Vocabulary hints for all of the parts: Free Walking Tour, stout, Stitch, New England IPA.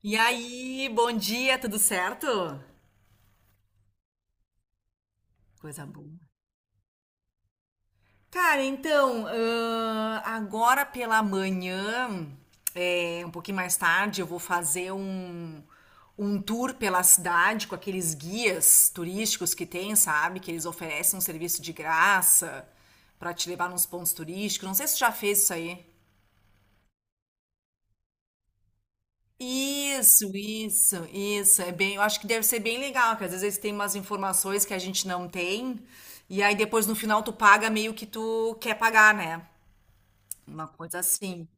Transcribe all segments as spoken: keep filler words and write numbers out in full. E aí, bom dia, tudo certo? Coisa boa. Cara, então, ahn, agora pela manhã, é, um pouquinho mais tarde, eu vou fazer um, um tour pela cidade com aqueles guias turísticos que tem, sabe? Que eles oferecem um serviço de graça pra te levar nos pontos turísticos. Não sei se tu já fez isso aí. Isso, isso, isso. É bem, eu acho que deve ser bem legal, porque às vezes tem umas informações que a gente não tem, e aí depois no final tu paga meio que tu quer pagar, né? Uma coisa assim.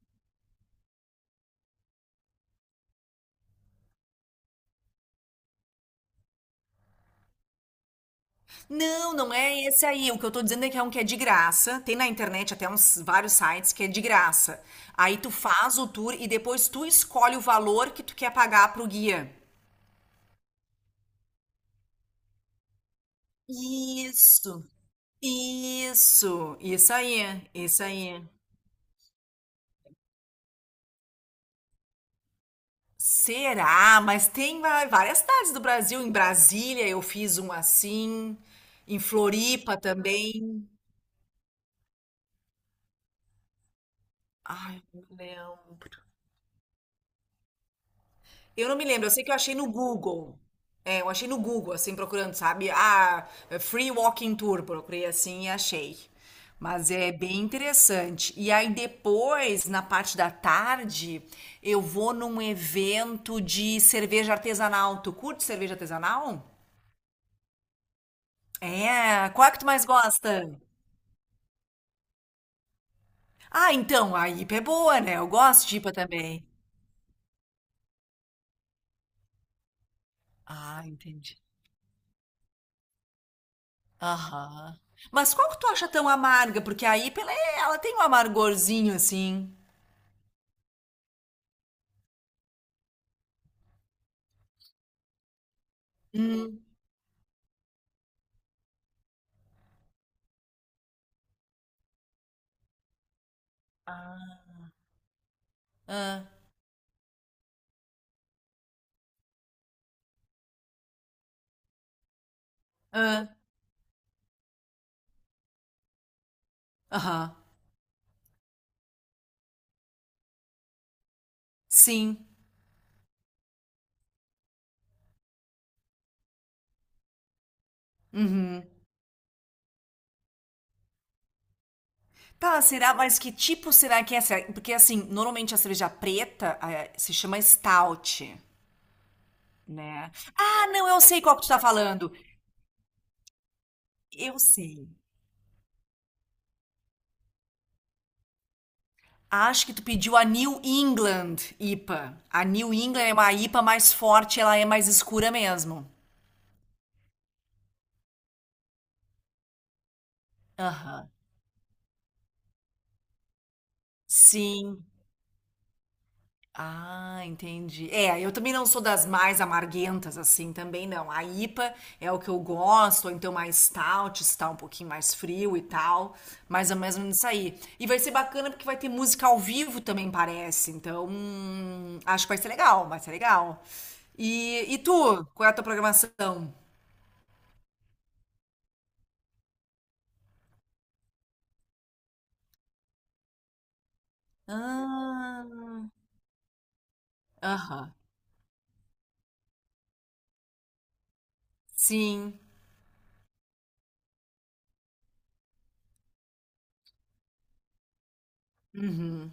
Não, não é esse aí. O que eu tô dizendo é que é um que é de graça. Tem na internet até uns vários sites que é de graça. Aí tu faz o tour e depois tu escolhe o valor que tu quer pagar pro guia. Isso, isso, isso aí, isso aí. Será? Mas tem va- várias cidades do Brasil. Em Brasília eu fiz um assim. Em Floripa também. Ai, não me lembro. Eu não me lembro. Eu sei que eu achei no Google. É, eu achei no Google, assim, procurando, sabe? Ah, Free Walking Tour. Procurei assim e achei. Mas é bem interessante. E aí depois, na parte da tarde, eu vou num evento de cerveja artesanal. Tu curte cerveja artesanal? É, qual é que tu mais gosta? Ah, então, a I P A é boa, né? Eu gosto de I P A também. Ah, entendi. Aham. Mas qual que tu acha tão amarga? Porque a I P A, ela, é- ela tem um amargorzinho, assim. Hum, ah, ah, aham. Sim. Uhum. Tá, será? Mas que tipo será que é essa? Porque, assim, normalmente a cerveja preta, eh, se chama stout, né? Ah, não, eu sei qual que tu tá falando. Eu sei. Acho que tu pediu a New England I P A. A A New England é uma I P A mais forte, ela é mais escura mesmo. Aham. Sim. Ah, entendi. É, eu também não sou das mais amarguentas, assim, também não. A I P A é o que eu gosto, ou então mais stout, está um pouquinho mais frio e tal, é mais ou menos nisso aí. E vai ser bacana porque vai ter música ao vivo também, parece. Então, hum, acho que vai ser legal, vai ser legal. E, e tu, qual é a tua programação? Ah, aham. Sim. Uhum.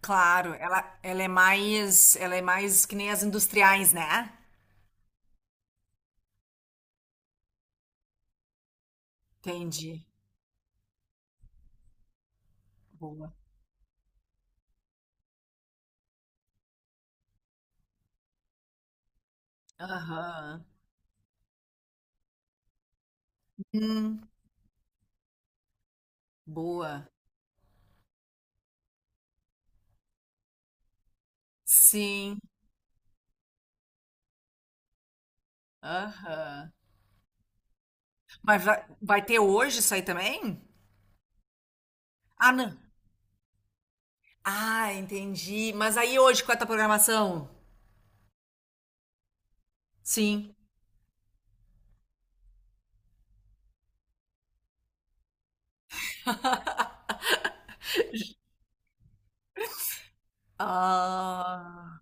Claro, ela, ela é mais, ela é mais que nem as industriais, né? Entendi. Boa. Aham. Hum, boa. Sim. Aham. Mas vai, vai ter hoje isso aí também? Ah, não. Ah, entendi. Mas aí hoje, qual é a tua programação? Sim. Ah,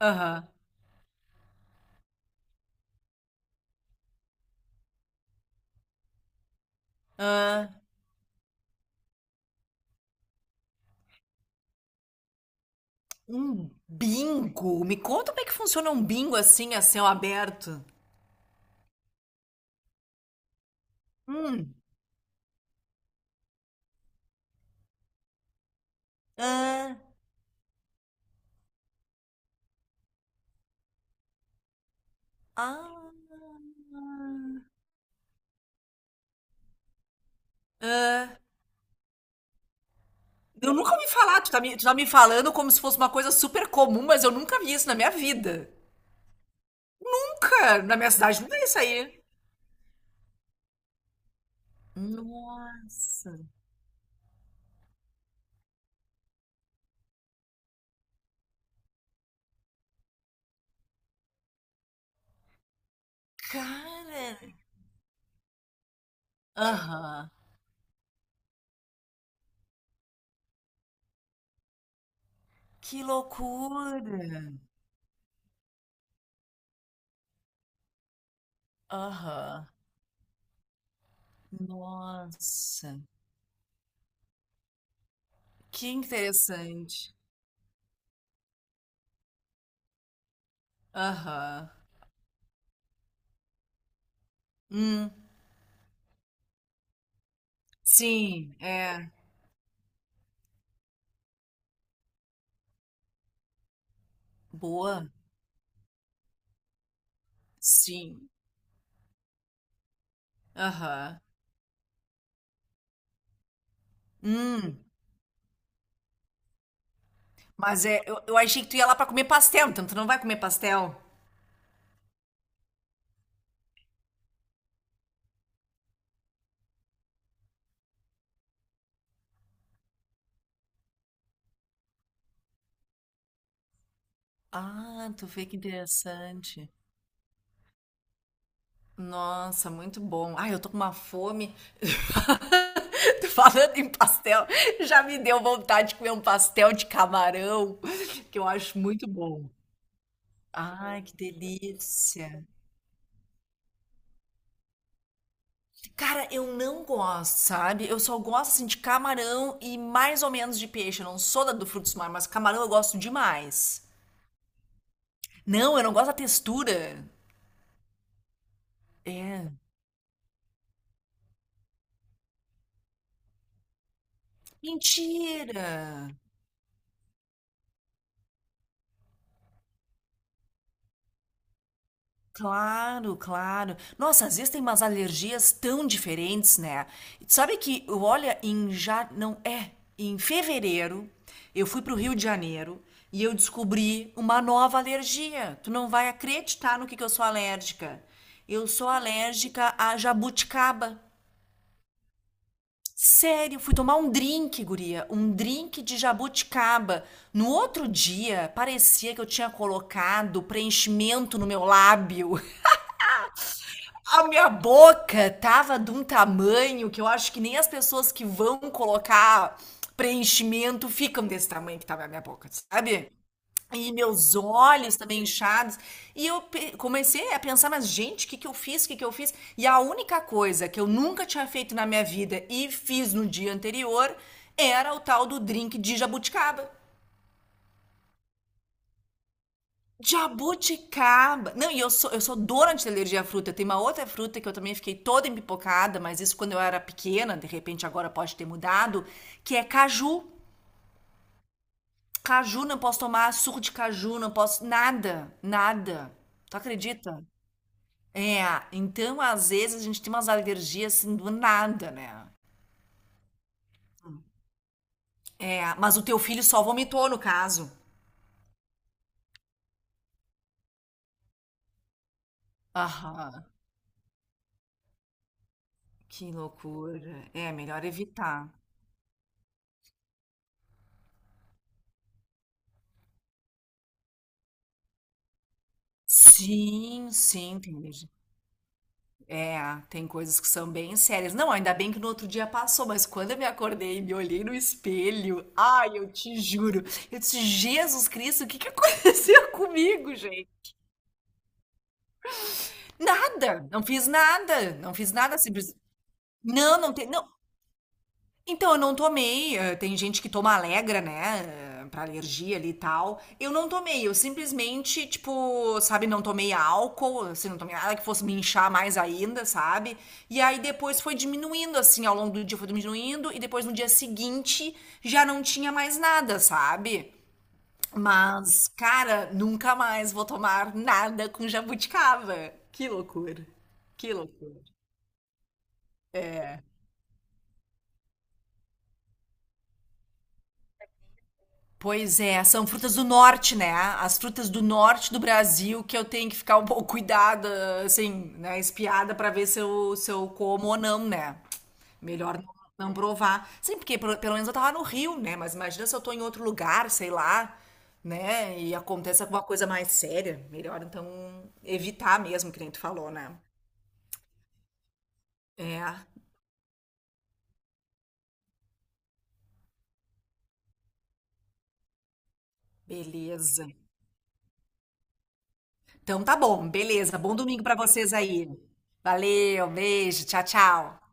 aham. Ah, um bingo? Me conta como é que funciona um bingo assim, a céu aberto. Hum, Ah, ah, ah. Eu nunca ouvi falar, tu tá me, tu tá me falando como se fosse uma coisa super comum, mas eu nunca vi isso na minha vida. Nunca! Na minha cidade não tem isso aí. Nossa, cara. Aham. Que loucura. Aham. Nossa. Que interessante. Aham. Hum. Sim, é. Boa. Sim. Aham. Hum. Mas é, eu, eu achei que tu ia lá pra comer pastel, então tu não vai comer pastel? Ah, tu vê que interessante. Nossa, muito bom. Ai, eu tô com uma fome. Tô falando em pastel, já me deu vontade de comer um pastel de camarão, que eu acho muito bom. Ai, que delícia. Cara, eu não gosto, sabe? Eu só gosto assim de camarão e mais ou menos de peixe. Eu não sou da do frutos do mar, mas camarão eu gosto demais. Não, eu não gosto da textura. É. Mentira! Claro, claro. Nossa, às vezes tem umas alergias tão diferentes, né? E tu sabe que, olha, em já não é, em fevereiro eu fui pro Rio de Janeiro e eu descobri uma nova alergia. Tu não vai acreditar no que que eu sou alérgica. Eu sou alérgica a jabuticaba. Sério, fui tomar um drink, guria, um drink de jabuticaba. No outro dia, parecia que eu tinha colocado preenchimento no meu lábio. A minha boca tava de um tamanho que eu acho que nem as pessoas que vão colocar preenchimento ficam desse tamanho que tava a minha boca, sabe? E meus olhos também inchados. E eu pe- comecei a pensar, mas gente, o que que eu fiz? O que que eu fiz? E a única coisa que eu nunca tinha feito na minha vida e fiz no dia anterior era o tal do drink de jabuticaba. Jabuticaba. Não, e eu sou, eu sou doente de alergia à fruta. Tem uma outra fruta que eu também fiquei toda empipocada, mas isso quando eu era pequena, de repente agora pode ter mudado, que é caju. Caju, não posso tomar suco de caju, não posso. Nada, nada. Tu acredita? É, então às vezes a gente tem umas alergias assim do nada, né? É, mas o teu filho só vomitou no caso. Aham, que loucura. É, melhor evitar. Sim, sim, tem é, tem coisas que são bem sérias. Não, ainda bem que no outro dia passou, mas quando eu me acordei e me olhei no espelho, ai, eu te juro, eu disse, Jesus Cristo, o que que aconteceu comigo, gente? Nada, não fiz nada, não fiz nada, simples. Não, não tem, não. Então, eu não tomei. eh, Tem gente que toma Alegra, né? eh, Pra alergia ali e tal. Eu não tomei. Eu simplesmente, tipo, sabe, não tomei álcool, assim, não tomei nada que fosse me inchar mais ainda, sabe? E aí depois foi diminuindo, assim, ao longo do dia foi diminuindo. E depois no dia seguinte já não tinha mais nada, sabe? Mas, cara, nunca mais vou tomar nada com jabuticaba. Que loucura. Que loucura. Pois é, são frutas do norte, né? As frutas do norte do Brasil que eu tenho que ficar um pouco cuidada, assim, né? Espiada pra ver se eu, se eu como ou não, né? Melhor não não provar. Sim, porque pelo pelo menos eu tava no Rio, né? Mas imagina se eu tô em outro lugar, sei lá, né? E acontece alguma coisa mais séria. Melhor então evitar mesmo, que nem tu falou, né? É, beleza. Então tá bom, beleza. Bom domingo pra vocês aí. Valeu, beijo, tchau, tchau.